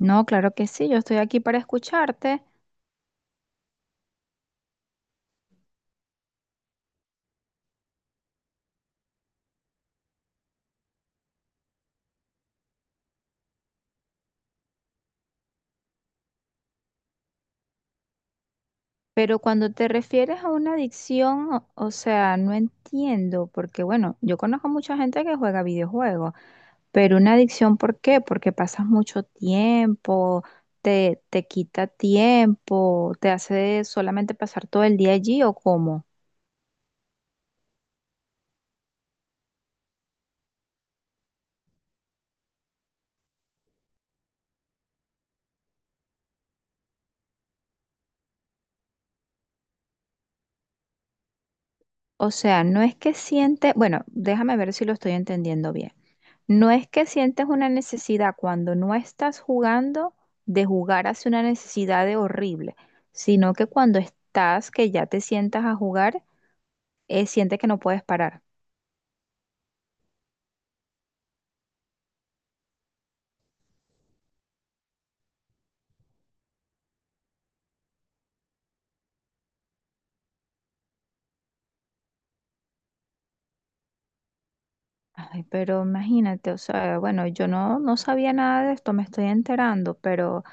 No, claro que sí, yo estoy aquí para escucharte, pero cuando te refieres a una adicción, o sea, no entiendo, porque bueno, yo conozco mucha gente que juega videojuegos, pero una adicción, ¿por qué? Porque pasas mucho tiempo, te quita tiempo, te hace solamente pasar todo el día allí o cómo. O sea, no es que siente, bueno, déjame ver si lo estoy entendiendo bien. No es que sientes una necesidad cuando no estás jugando de jugar hacia una necesidad de horrible, sino que cuando estás, que ya te sientas a jugar, sientes que no puedes parar. Ay, pero imagínate, o sea, bueno, yo no sabía nada de esto, me estoy enterando,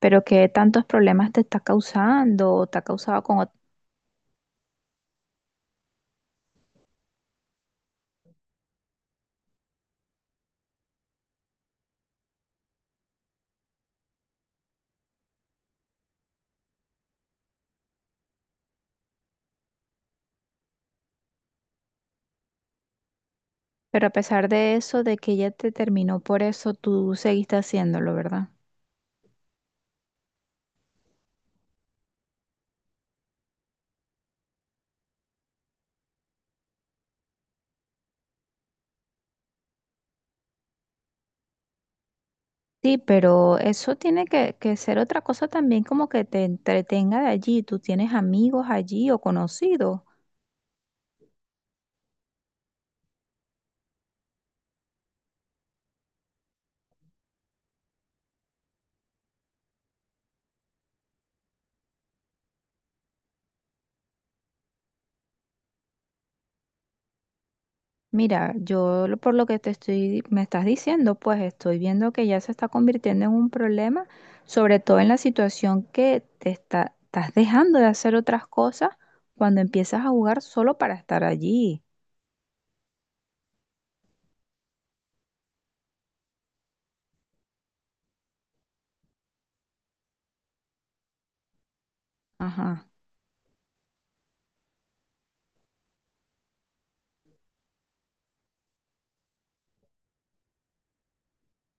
pero qué tantos problemas te está causando o te ha causado Pero a pesar de eso, de que ella te terminó por eso, tú seguiste haciéndolo, ¿verdad? Sí, pero eso tiene que ser otra cosa también como que te entretenga de allí. Tú tienes amigos allí o conocidos. Mira, por lo que te estoy, me estás diciendo, pues estoy viendo que ya se está convirtiendo en un problema, sobre todo en la situación que estás dejando de hacer otras cosas cuando empiezas a jugar solo para estar allí. Ajá.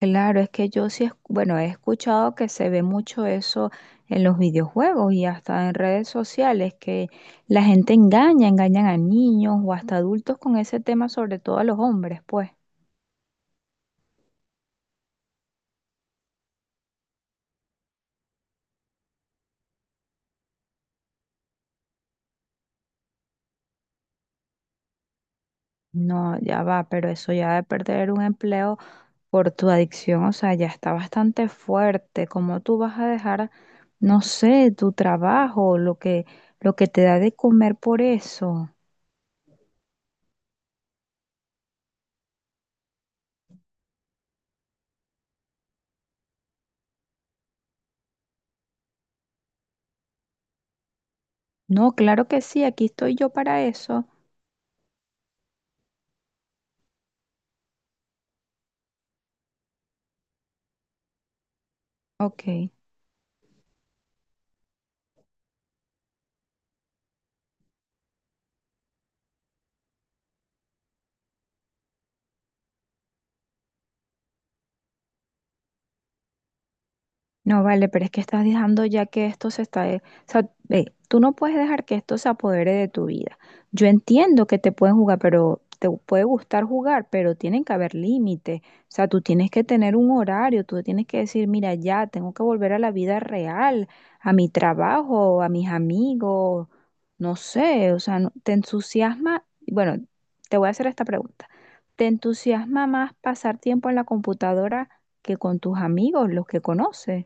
Claro, es que bueno, he escuchado que se ve mucho eso en los videojuegos y hasta en redes sociales, que engañan a niños o hasta adultos con ese tema, sobre todo a los hombres, pues. No, ya va, pero eso ya de perder un empleo por tu adicción, o sea, ya está bastante fuerte. ¿Cómo tú vas a dejar, no sé, tu trabajo, lo que te da de comer por eso? No, claro que sí, aquí estoy yo para eso. Ok. No, vale, pero es que estás dejando ya que esto se está... de- o sea, ve, tú no puedes dejar que esto se apodere de tu vida. Yo entiendo que te pueden jugar, pero te puede gustar jugar, pero tienen que haber límites. O sea, tú tienes que tener un horario, tú tienes que decir, mira, ya tengo que volver a la vida real, a mi trabajo, a mis amigos, no sé, o sea, te entusiasma, bueno, te voy a hacer esta pregunta. ¿Te entusiasma más pasar tiempo en la computadora que con tus amigos, los que conoces?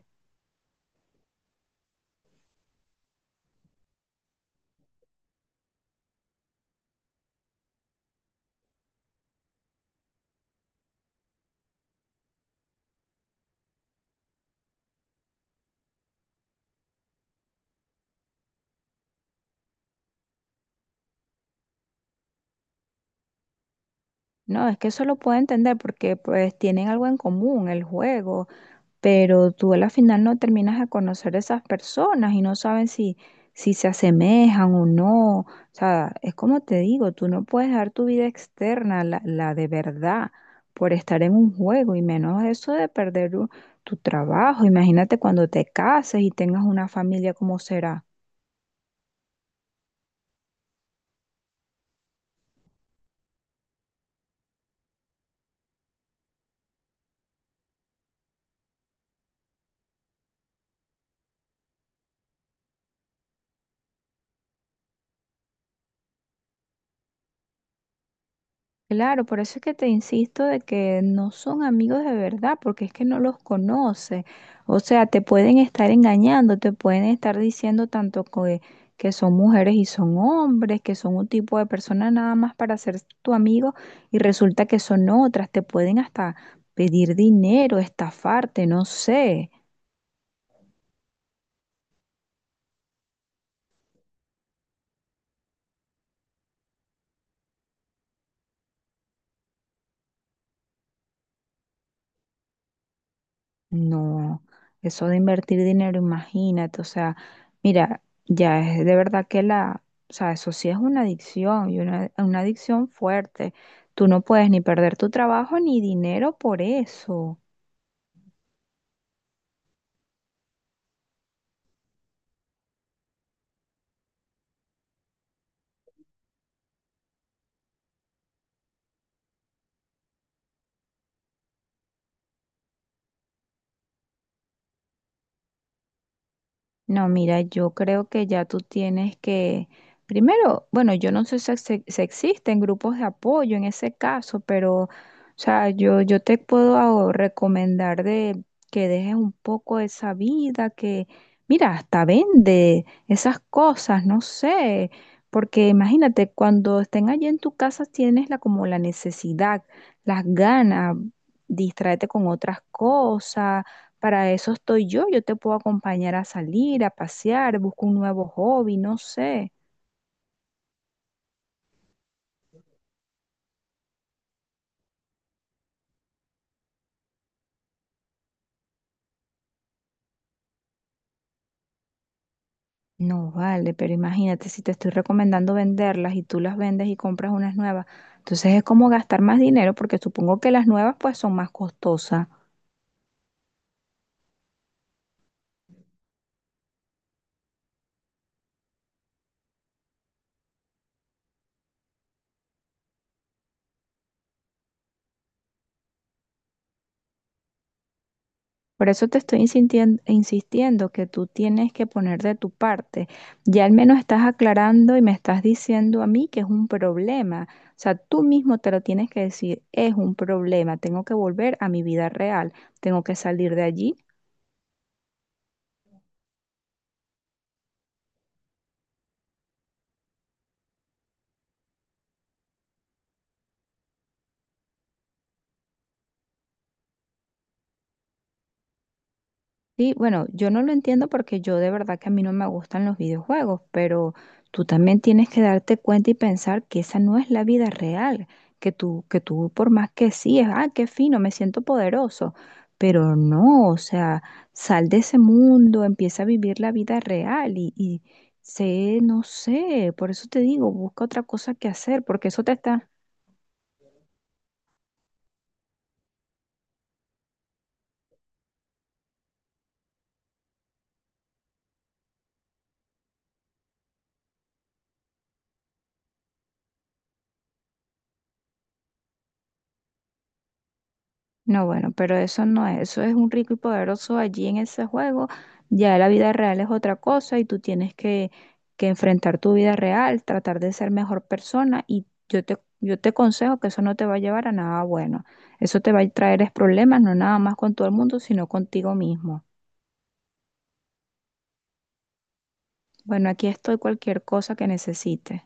No, es que eso lo puedo entender porque pues tienen algo en común, el juego, pero tú a la final no terminas de conocer a esas personas y no saben si, si se asemejan o no. O sea, es como te digo, tú no puedes dar tu vida externa, la de verdad, por estar en un juego y menos eso de tu trabajo. Imagínate cuando te cases y tengas una familia, ¿cómo será? Claro, por eso es que te insisto de que no son amigos de verdad, porque es que no los conoces. O sea, te pueden estar engañando, te pueden estar diciendo tanto que son mujeres y son hombres, que son un tipo de persona nada más para ser tu amigo y resulta que son otras. Te pueden hasta pedir dinero, estafarte, no sé. No, eso de invertir dinero, imagínate, o sea, mira, ya es de verdad que la, o sea, eso sí es una adicción y una adicción fuerte. Tú no puedes ni perder tu trabajo ni dinero por eso. No, mira, yo creo que ya tú tienes que, primero, bueno, yo no sé si existen grupos de apoyo en ese caso, pero, o sea, yo te puedo ah, recomendar de que dejes un poco esa vida, que, mira, hasta vende esas cosas, no sé, porque imagínate, cuando estén allí en tu casa tienes la, como la necesidad, las ganas, distraerte con otras cosas para eso estoy yo, yo te puedo acompañar a salir, a pasear, busco un nuevo hobby, no sé. No vale, pero imagínate si te estoy recomendando venderlas y tú las vendes y compras unas nuevas, entonces es como gastar más dinero porque supongo que las nuevas pues son más costosas. Por eso te estoy insistiendo que tú tienes que poner de tu parte. Ya al menos estás aclarando y me estás diciendo a mí que es un problema. O sea, tú mismo te lo tienes que decir, es un problema, tengo que volver a mi vida real, tengo que salir de allí. Sí, bueno, yo no lo entiendo porque yo de verdad que a mí no me gustan los videojuegos, pero tú también tienes que darte cuenta y pensar que esa no es la vida real, que tú por más que sí, es, ah, qué fino, me siento poderoso, pero no, o sea, sal de ese mundo, empieza a vivir la vida real y sé, no sé, por eso te digo, busca otra cosa que hacer, porque eso te está... No, bueno, pero eso no es, eso es un rico y poderoso allí en ese juego. Ya la vida real es otra cosa y tú tienes que enfrentar tu vida real, tratar de ser mejor persona y yo te aconsejo que eso no te va a llevar a nada bueno. Eso te va a traer es problemas, no nada más con todo el mundo, sino contigo mismo. Bueno, aquí estoy cualquier cosa que necesites.